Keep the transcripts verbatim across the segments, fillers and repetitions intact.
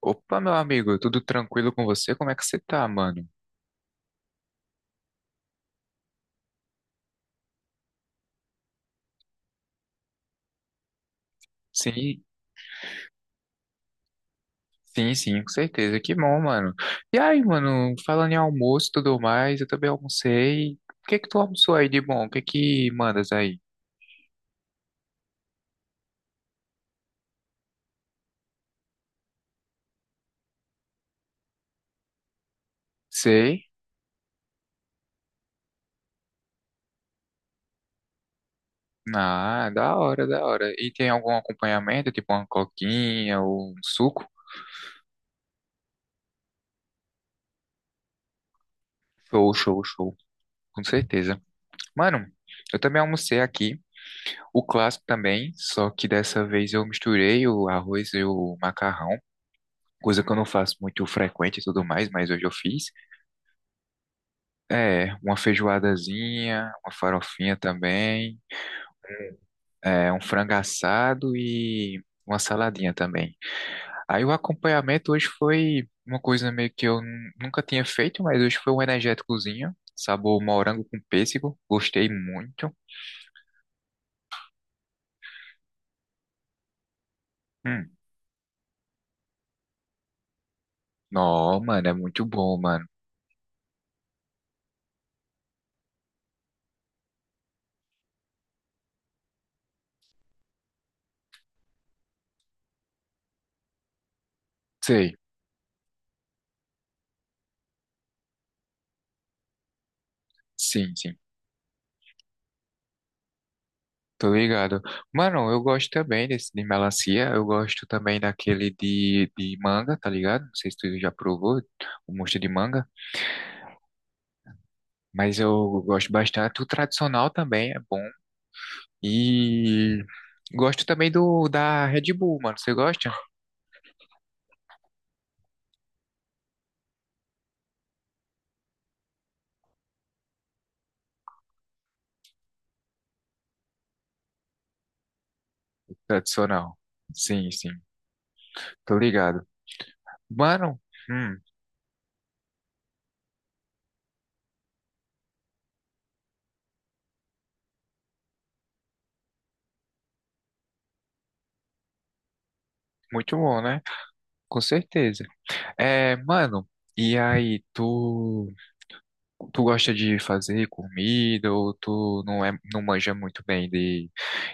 Opa, meu amigo, tudo tranquilo com você? Como é que você tá, mano? Sim, sim, sim, com certeza. Que bom, mano. E aí, mano, falando em almoço e tudo mais, eu também almocei. O que é que tu almoçou aí de bom? O que é que mandas aí? Sei. Ah, da hora, da hora. E tem algum acompanhamento, tipo uma coquinha ou um suco? Show, show, show. Com certeza. Mano, eu também almocei aqui. O clássico também, só que dessa vez eu misturei o arroz e o macarrão, coisa que eu não faço muito frequente e tudo mais, mas hoje eu fiz. É, uma feijoadazinha, uma farofinha também, é, um frango assado e uma saladinha também. Aí o acompanhamento hoje foi uma coisa meio que eu nun- nunca tinha feito, mas hoje foi um energéticozinho, sabor morango com pêssego, gostei muito. Hum, não, mano, é muito bom, mano. Sei, sim, sim. Tô ligado. Mano, eu gosto também desse de melancia. Eu gosto também daquele de, de manga, tá ligado? Não sei se tu já provou o mosto de manga, mas eu gosto bastante. O tradicional também é bom. E gosto também do da Red Bull, mano. Você gosta? Tradicional. Sim, sim. Tô ligado. Mano, hum, muito bom, né? Com certeza. É, mano, e aí, tu. Tu gosta de fazer comida ou tu não é, não manja muito bem de,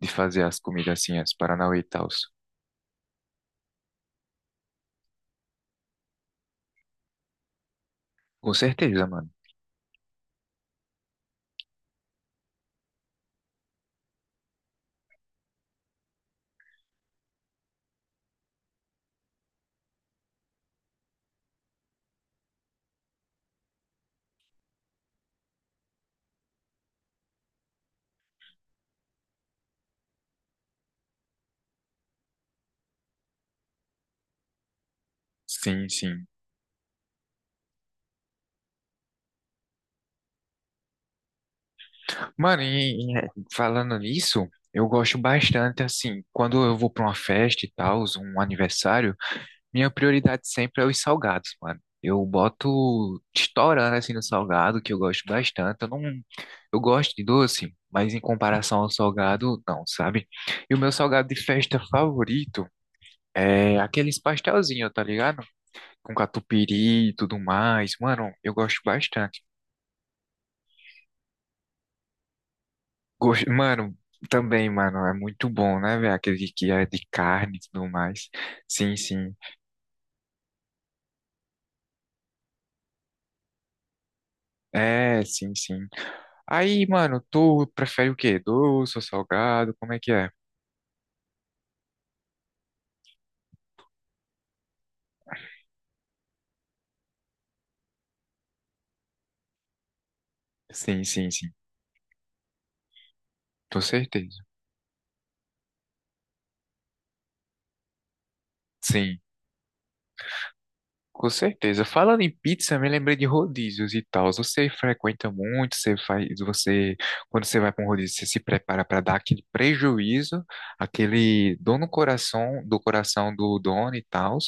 de fazer as comidas assim, as Paranauê e tal? Com certeza, mano. Sim, sim. Mano, e, e, é, falando nisso, eu gosto bastante assim, quando eu vou pra uma festa e tal, um aniversário, minha prioridade sempre é os salgados, mano. Eu boto estourando assim no salgado, que eu gosto bastante. Eu não, eu gosto de doce, mas em comparação ao salgado, não, sabe? E o meu salgado de festa favorito é aqueles pastelzinhos, tá ligado? Com catupiry e tudo mais. Mano, eu gosto bastante. Gosto... Mano, também, mano, é muito bom, né, velho? Aquele que é de carne e tudo mais. Sim, sim. É, sim, sim. Aí, mano, tu prefere o quê? Doce ou salgado? Como é que é? Sim, sim, sim. Com certeza. Sim. Com certeza. Falando em pizza, me lembrei de rodízios e tal. Você frequenta muito, você faz, você, quando você vai para um rodízio, você se prepara para dar aquele prejuízo, aquele dor no coração, do coração do dono e tal.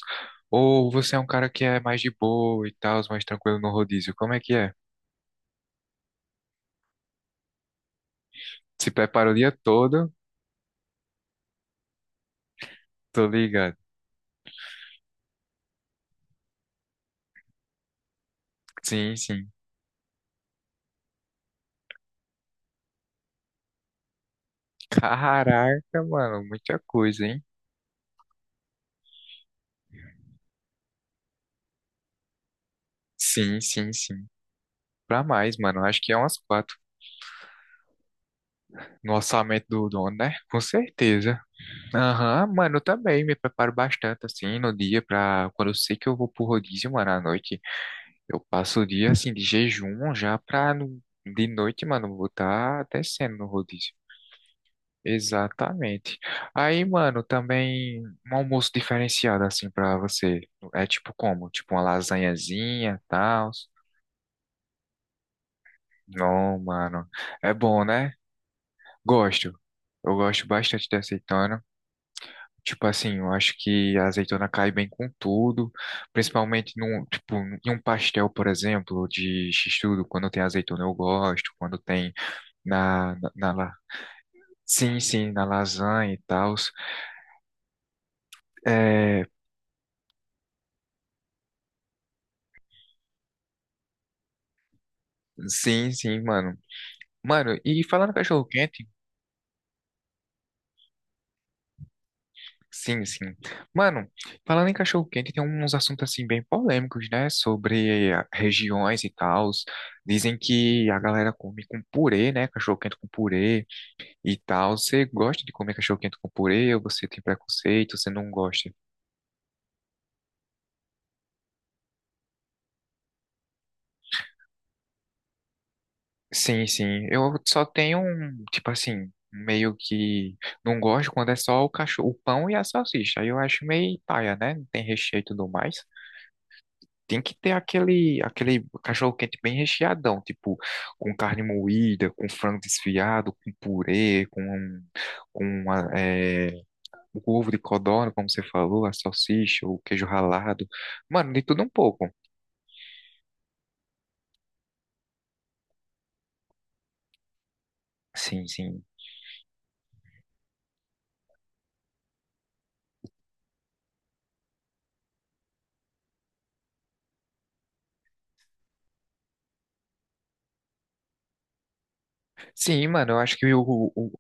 Ou você é um cara que é mais de boa e tal, mais tranquilo no rodízio? Como é que é? Se prepara o dia todo? Tô ligado. Sim, sim. Caraca, mano, muita coisa, hein? Sim, sim, sim. Pra mais, mano. Acho que é umas quatro. No orçamento do dono, né? Com certeza. Aham, mano, eu também me preparo bastante, assim, no dia pra... Quando eu sei que eu vou pro rodízio, mano, à noite, eu passo o dia, assim, de jejum já pra... no- De noite, mano, eu vou estar descendo no rodízio. Exatamente. Aí, mano, também um almoço diferenciado, assim, pra você. É tipo como? Tipo uma lasanhazinha, tal. Não, mano. É bom, né? Gosto. Eu gosto bastante de azeitona. Tipo assim, eu acho que a azeitona cai bem com tudo, principalmente num, tipo, em um pastel, por exemplo, de x-tudo, quando tem azeitona eu gosto, quando tem na, na, na la- sim, sim, na lasanha e tal. É, sim, sim, mano. Mano, e falando em cachorro-quente, sim, sim. Mano, falando em cachorro-quente, tem uns assuntos assim bem polêmicos, né, sobre a- regiões e tal. Dizem que a galera come com purê, né, cachorro-quente com purê e tal. Você gosta de comer cachorro quente com purê ou você tem preconceito, você não gosta? Sim, sim. Eu só tenho um, tipo assim, meio que não gosto quando é só o cachorro, o pão e a salsicha. Aí eu acho meio paia, né? Não tem recheio e tudo mais. Tem que ter aquele, aquele cachorro quente bem recheadão, tipo, com carne moída, com frango desfiado, com purê, com, um, com a- é, o ovo de codorna, como você falou, a salsicha, o queijo ralado. Mano, de tudo um pouco. Sim, sim. Sim, mano, eu acho que o, o- o-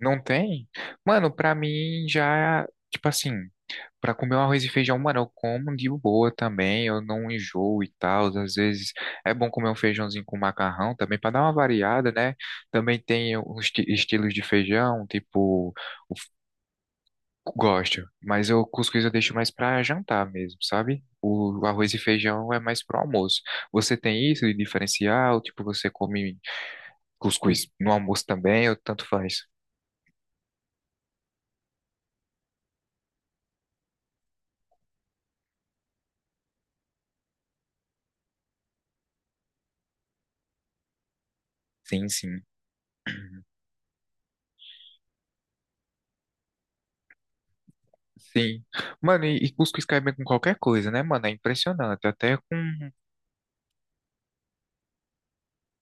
não tem. Mano, pra mim já, tipo assim, pra comer um arroz e feijão, mano, eu como de boa também, eu não enjoo e tal. Às vezes é bom comer um feijãozinho com macarrão também pra dar uma variada, né? Também tem os esti- estilos de feijão, tipo, o f- gosto, mas eu cuscuz eu deixo mais pra jantar mesmo, sabe? O arroz e feijão é mais pro almoço. Você tem isso de diferencial? Tipo, você come cuscuz. No almoço também, eu tanto faz. Sim, sim. Sim. Mano, e, e cuscuz cai bem com qualquer coisa, né, mano? É impressionante. Até com.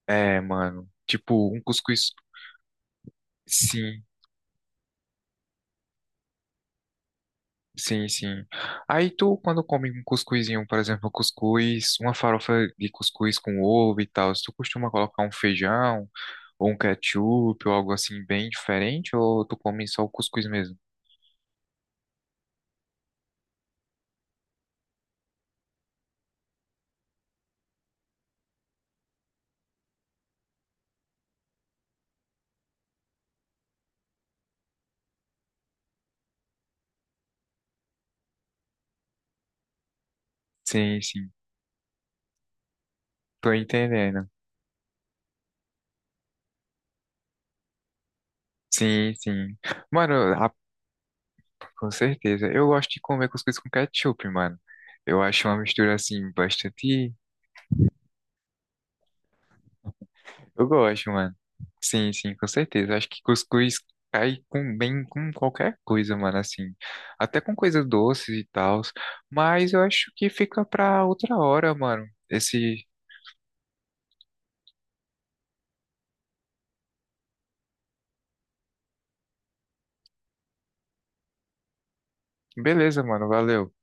É, mano. Tipo, um cuscuz. Sim, sim, sim. Aí tu, quando come um cuscuzinho, por exemplo, um cuscuz, uma farofa de cuscuz com ovo e tal, tu costuma colocar um feijão ou um ketchup ou algo assim bem diferente? Ou tu come só o cuscuz mesmo? Sim, sim. Tô entendendo. Sim, sim. Mano, com certeza. Eu gosto de comer cuscuz com ketchup, mano. Eu acho uma mistura assim bastante. Eu gosto, mano. Sim, sim, com certeza. Acho que cuscuz cai com bem com qualquer coisa, mano, assim. Até com coisas doces e tal. Mas eu acho que fica pra outra hora, mano. Esse. Beleza, mano. Valeu.